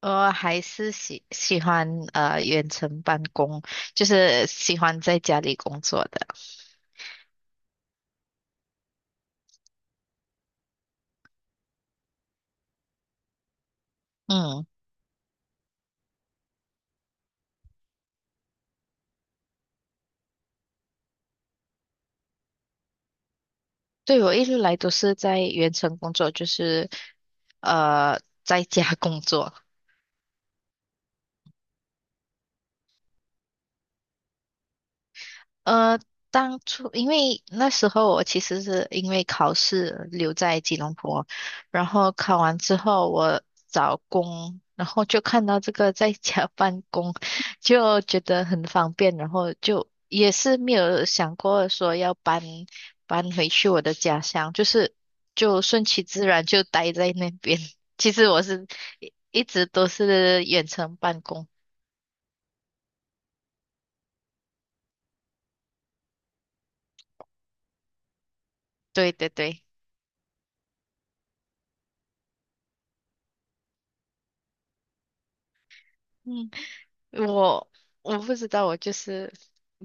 还是喜欢远程办公，就是喜欢在家里工作的。嗯，对，我一直来都是在远程工作，就是在家工作。呃，当初因为那时候我其实是因为考试留在吉隆坡，然后考完之后我找工，然后就看到这个在家 办公，就觉得很方便，然后就也是没有想过说要搬回去我的家乡，就是就顺其自然就待在那边。其实我是一直都是远程办公，对对对，嗯，我。我不知道，我就是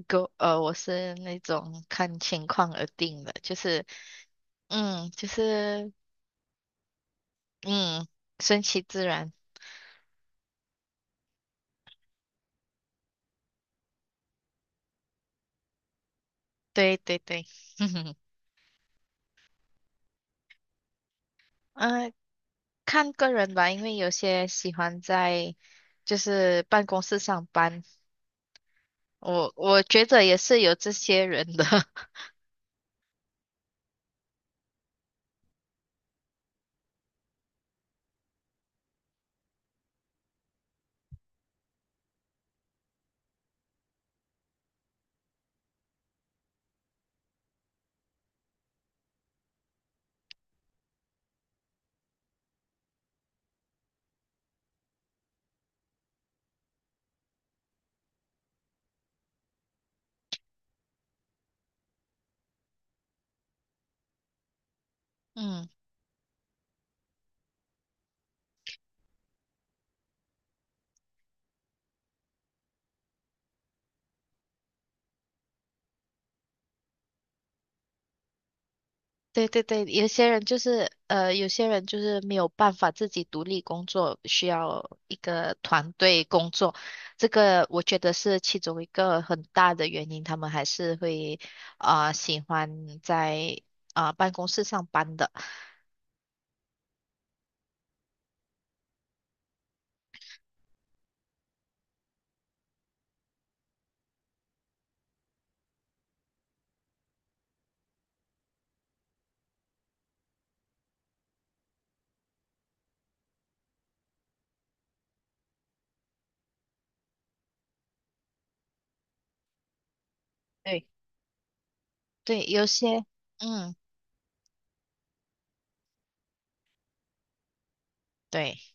狗，我是那种看情况而定的，就是，嗯，就是，嗯，顺其自然。对对对，嗯，呃看个人吧，因为有些喜欢在就是办公室上班，我觉得也是有这些人的，嗯。对对对，有些人就是没有办法自己独立工作，需要一个团队工作。这个我觉得是其中一个很大的原因，他们还是会喜欢在办公室上班的。对，对，有些嗯，对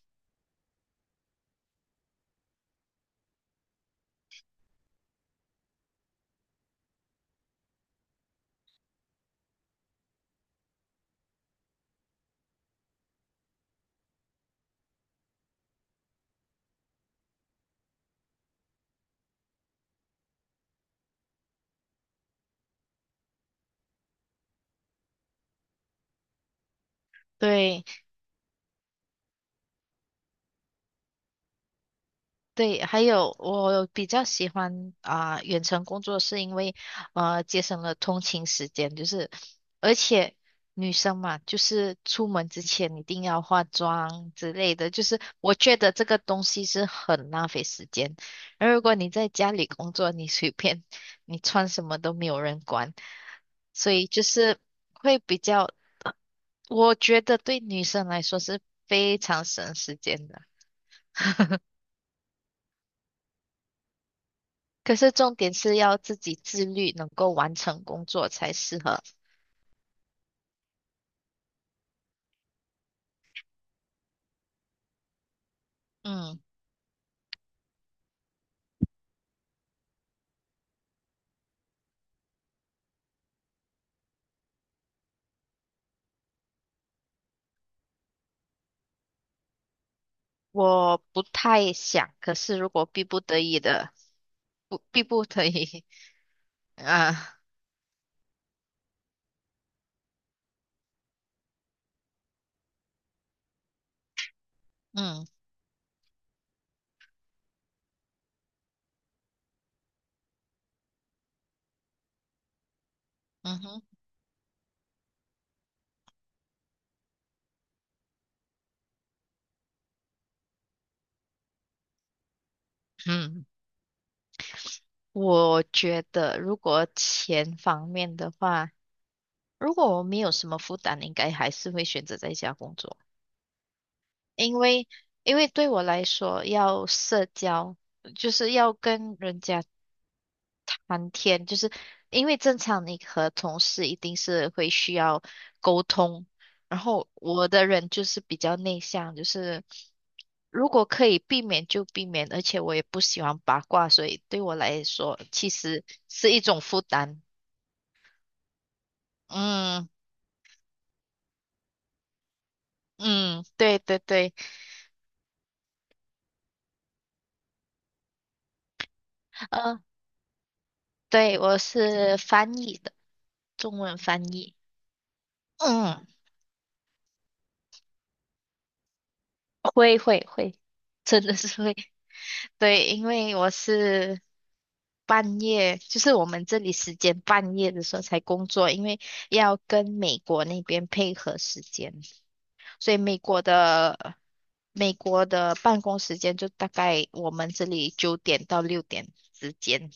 对。对，还有我比较喜欢远程工作，是因为节省了通勤时间，就是而且女生嘛，就是出门之前一定要化妆之类的，就是我觉得这个东西是很浪费时间。而如果你在家里工作，你随便你穿什么都没有人管，所以就是会比较，我觉得对女生来说是非常省时间的。可是重点是要自己自律，能够完成工作才适合。嗯，我不太想，可是如果逼不得已的，不逼不得已 啊，嗯嗯哼嗯，我觉得如果钱方面的话，如果我没有什么负担，应该还是会选择在家工作，因为因为对我来说，要社交就是要跟人家谈天，就是因为正常你和同事一定是会需要沟通，然后我的人就是比较内向，就是如果可以避免就避免，而且我也不喜欢八卦，所以对我来说其实是一种负担。嗯嗯，对对对，呃，对，我是翻译的，中文翻译。嗯，会会会，真的是会。对，因为我是半夜，就是我们这里时间半夜的时候才工作，因为要跟美国那边配合时间，所以美国的办公时间就大概我们这里9点到6点之间。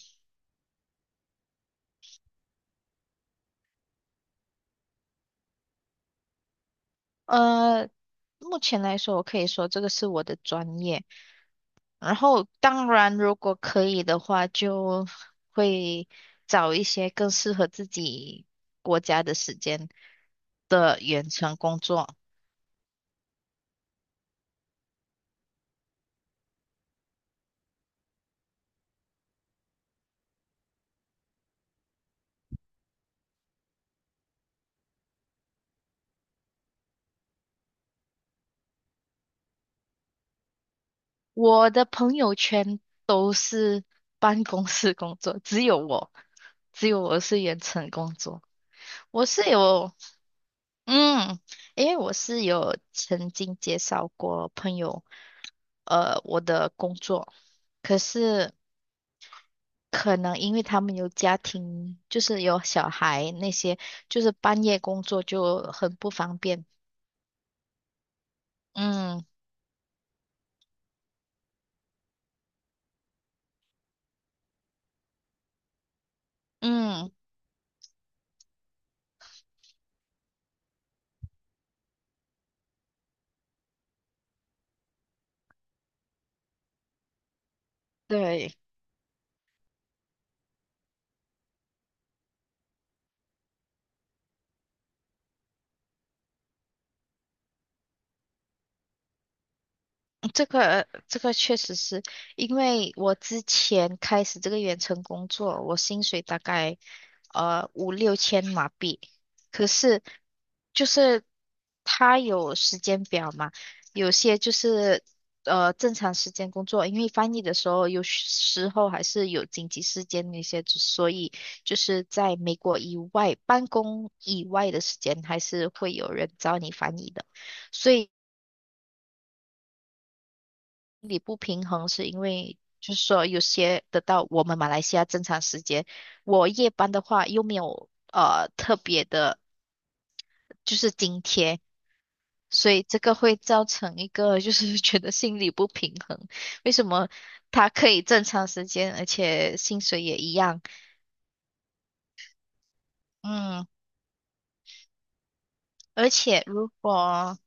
呃，目前来说，我可以说这个是我的专业。然后，当然，如果可以的话，就会找一些更适合自己国家的时间的远程工作。我的朋友圈都是办公室工作，只有我是远程工作。我是有。嗯，因为我是有曾经介绍过朋友，我的工作，可是可能因为他们有家庭，就是有小孩那些，就是半夜工作就很不方便。嗯嗯，对。这个确实是因为我之前开始这个远程工作，我薪水大概五六千马币，可是就是他有时间表嘛，有些就是正常时间工作，因为翻译的时候有时候还是有紧急事件那些，所以就是在美国以外办公以外的时间，还是会有人找你翻译的。所以心理不平衡是因为，就是说有些得到我们马来西亚正常时间，我夜班的话又没有特别的，就是津贴，所以这个会造成一个就是 觉得心理不平衡。为什么他可以正常时间，而且薪水也一样？嗯，而且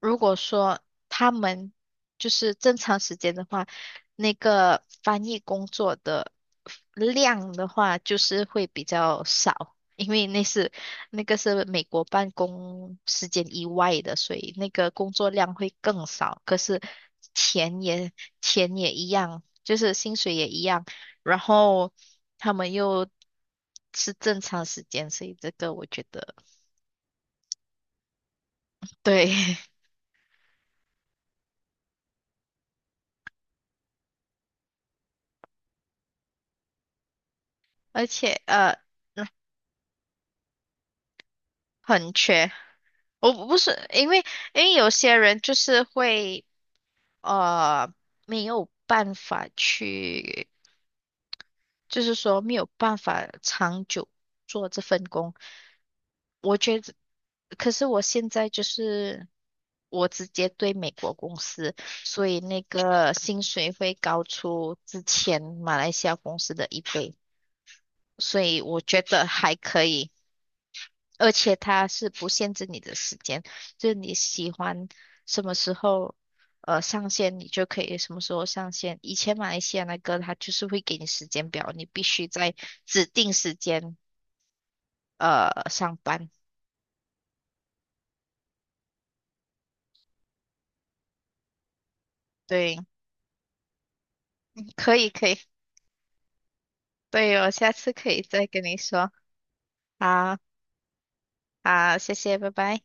如果说他们就是正常时间的话，那个翻译工作的量的话，就是会比较少，因为那个是美国办公时间以外的，所以那个工作量会更少。可是钱也钱也一样，就是薪水也一样，然后他们又是正常时间，所以这个我觉得对。而且很缺。我不是因为因为有些人就是会呃没有办法去，就是说没有办法长久做这份工。我觉得，可是我现在就是我直接对美国公司，所以那个薪水会高出之前马来西亚公司的一倍，所以我觉得还可以。而且它是不限制你的时间，就是你喜欢什么时候上线，你就可以什么时候上线。以前马来西亚那个它就是会给你时间表，你必须在指定时间上班。对，可以可以，对哦，下次可以再跟你说。好，好，谢谢，拜拜。